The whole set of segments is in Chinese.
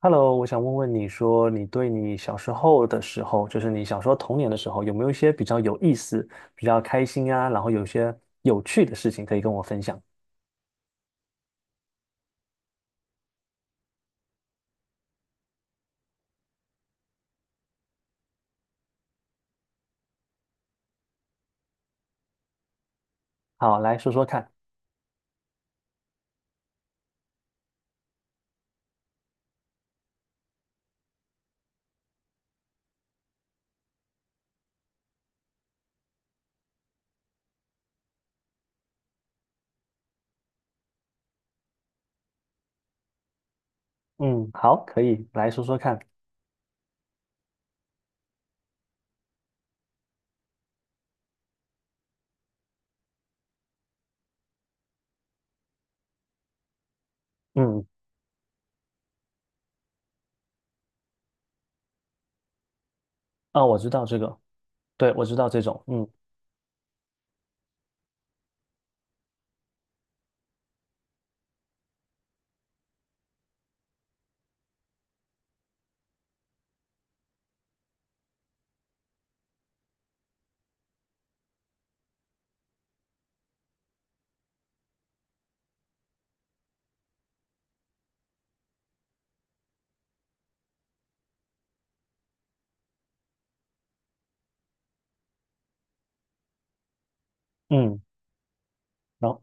Hello，我想问问你说，你对你小时候的时候，就是你小时候童年的时候，有没有一些比较有意思、比较开心啊，然后有一些有趣的事情可以跟我分享？好，来说说看。嗯，好，可以，来说说看。嗯，啊，我知道这个，对，我知道这种。嗯嗯，然后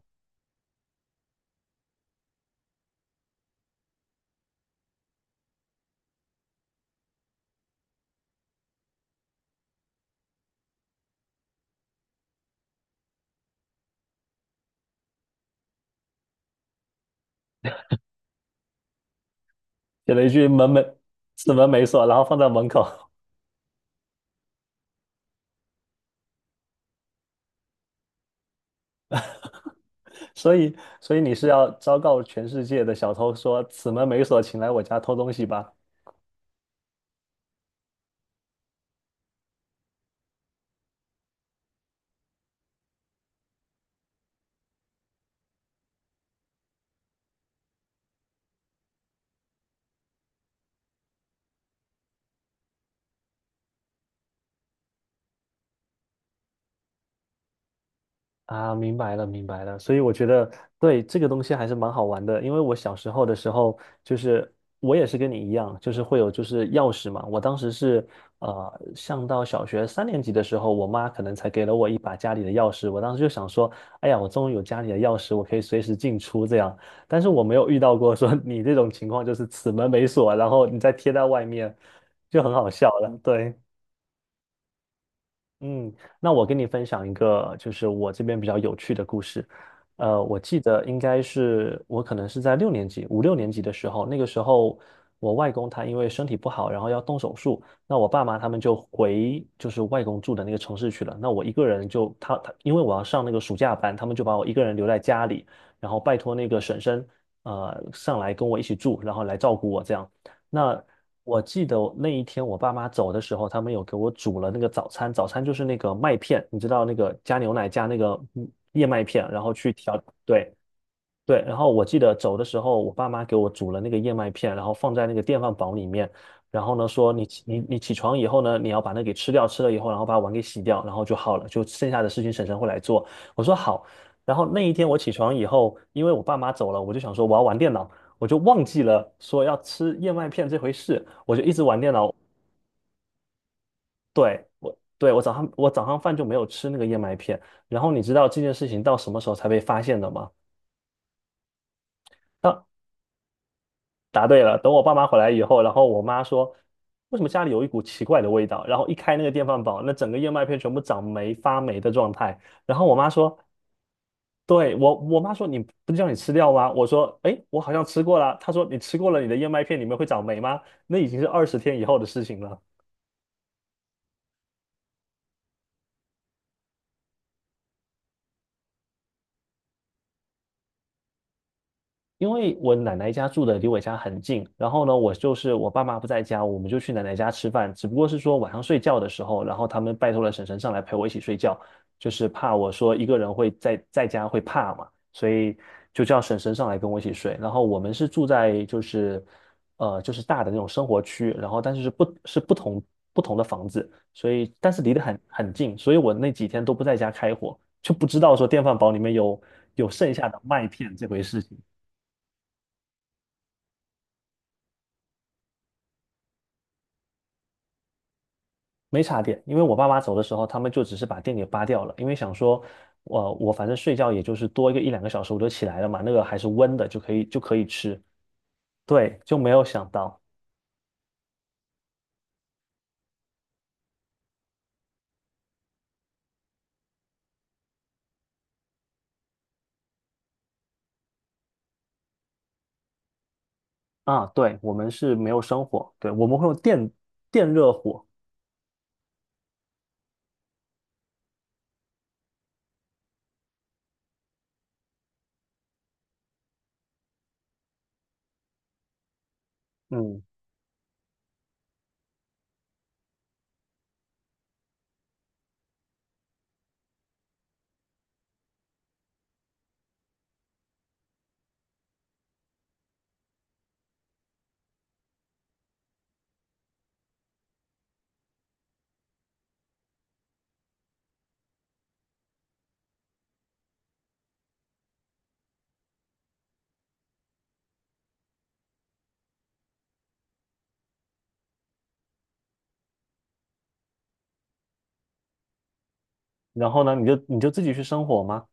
写了一句门没此门没锁，然后放在门口，所以你是要昭告全世界的小偷说，此门没锁，请来我家偷东西吧？啊，明白了，明白了。所以我觉得对这个东西还是蛮好玩的，因为我小时候的时候，就是我也是跟你一样，就是会有就是钥匙嘛。我当时是上到小学三年级的时候，我妈可能才给了我一把家里的钥匙。我当时就想说，哎呀，我终于有家里的钥匙，我可以随时进出这样。但是我没有遇到过说 你这种情况，就是此门没锁，然后你再贴在外面，就很好笑了。对。嗯，那我跟你分享一个，就是我这边比较有趣的故事。我记得应该是我可能是在六年级、五六年级的时候，那个时候我外公他因为身体不好，然后要动手术，那我爸妈他们就回就是外公住的那个城市去了。那我一个人就他，因为我要上那个暑假班，他们就把我一个人留在家里，然后拜托那个婶婶上来跟我一起住，然后来照顾我这样。那我记得那一天我爸妈走的时候，他们有给我煮了那个早餐，早餐就是那个麦片，你知道那个加牛奶加那个燕麦片，然后去调，对，对，然后我记得走的时候，我爸妈给我煮了那个燕麦片，然后放在那个电饭煲里面，然后呢说你起床以后呢，你要把那给吃掉，吃了以后，然后把碗给洗掉，然后就好了，就剩下的事情婶婶会来做。我说好，然后那一天我起床以后，因为我爸妈走了，我就想说我要玩电脑，我就忘记了说要吃燕麦片这回事，我就一直玩电脑。对，我早上饭就没有吃那个燕麦片，然后你知道这件事情到什么时候才被发现的吗？到答对了。等我爸妈回来以后，然后我妈说，为什么家里有一股奇怪的味道？然后一开那个电饭煲，那整个燕麦片全部长霉发霉的状态。然后我妈说，对，我妈说你不是叫你吃掉吗？我说，哎，我好像吃过了。她说你吃过了，你的燕麦片里面会长霉吗？那已经是20天以后的事情了。因为我奶奶家住的离我家很近，然后呢，我就是我爸妈不在家，我们就去奶奶家吃饭。只不过是说晚上睡觉的时候，然后他们拜托了婶婶上来陪我一起睡觉，就是怕我说一个人会在家会怕嘛，所以就叫婶婶上来跟我一起睡。然后我们是住在就是就是大的那种生活区，然后但是是不是不同的房子，所以但是离得很近，所以我那几天都不在家开火，就不知道说电饭煲里面有剩下的麦片这回事情。没插电，因为我爸妈走的时候，他们就只是把电给拔掉了，因为想说，我反正睡觉也就是多一两个小时我就起来了嘛，那个还是温的，就可以吃。对，就没有想到啊，对，我们是没有生火，对，我们会用电热火，嗯，然后呢，你就自己去生火吗？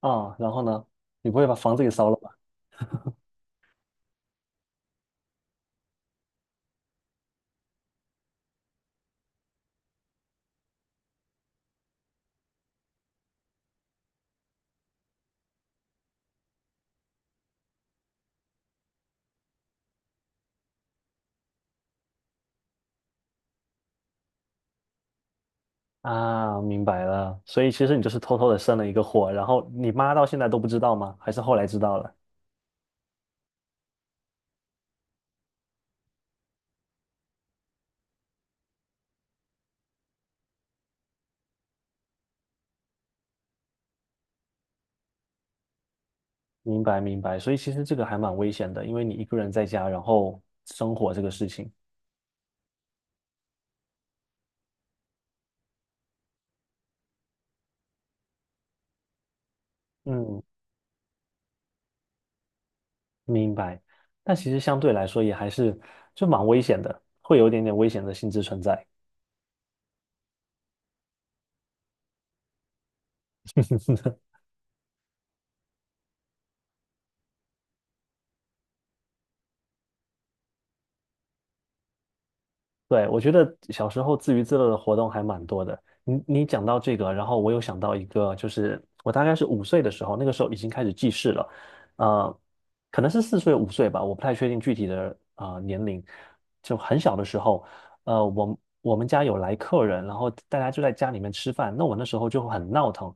啊，然后呢，你不会把房子给烧了吧？啊，明白了，所以其实你就是偷偷的生了一个火，然后你妈到现在都不知道吗？还是后来知道了？明白明白，所以其实这个还蛮危险的，因为你一个人在家，然后生火这个事情，嗯，明白。但其实相对来说也还是就蛮危险的，会有一点点危险的性质存在。对，我觉得小时候自娱自乐的活动还蛮多的。你讲到这个，然后我有想到一个，就是我大概是五岁的时候，那个时候已经开始记事了，呃，可能是4岁五岁吧，我不太确定具体的年龄。就很小的时候，呃，我们我们家有来客人，然后大家就在家里面吃饭，那我那时候就很闹腾，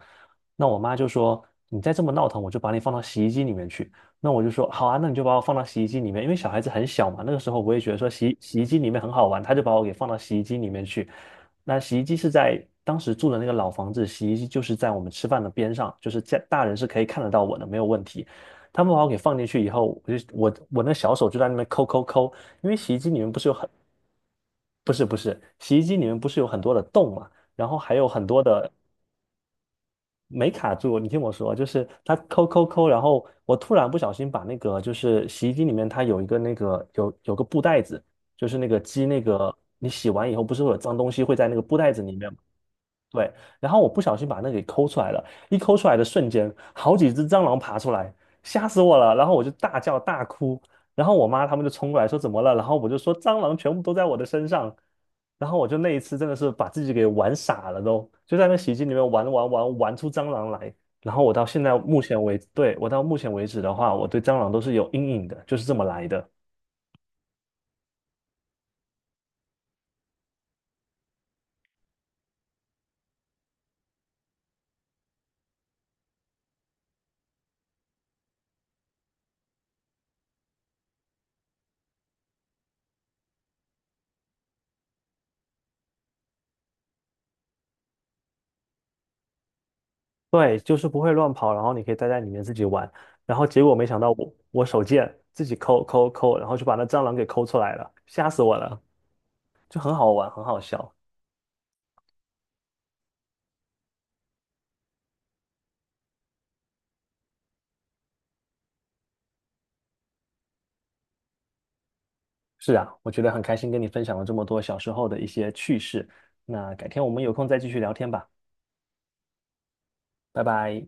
那我妈就说：“你再这么闹腾，我就把你放到洗衣机里面去。”那我就说好啊，那你就把我放到洗衣机里面，因为小孩子很小嘛，那个时候我也觉得说洗衣机里面很好玩，他就把我给放到洗衣机里面去。那洗衣机是在当时住的那个老房子，洗衣机就是在我们吃饭的边上，就是家大人是可以看得到我的，没有问题。他们把我给放进去以后，我那小手就在那边抠抠抠，因为洗衣机里面不是有很多的洞嘛，然后还有很多的。没卡住，你听我说，就是它抠抠抠，然后我突然不小心把那个就是洗衣机里面它有一个那个有个布袋子，就是那个鸡那个你洗完以后不是会有脏东西会在那个布袋子里面吗？对，然后我不小心把那个给抠出来了，一抠出来的瞬间，好几只蟑螂爬出来，吓死我了。然后我就大叫大哭，然后我妈他们就冲过来说怎么了，然后我就说蟑螂全部都在我的身上，然后我就那一次真的是把自己给玩傻了都，就在那洗衣机里面玩玩玩玩出蟑螂来。然后我到现在目前为止，对，我到目前为止的话，我对蟑螂都是有阴影的，就是这么来的。对，就是不会乱跑，然后你可以待在里面自己玩。然后结果没想到我手贱，自己抠抠抠，然后就把那蟑螂给抠出来了，吓死我了，就很好玩，很好笑。是啊，我觉得很开心跟你分享了这么多小时候的一些趣事。那改天我们有空再继续聊天吧，拜拜。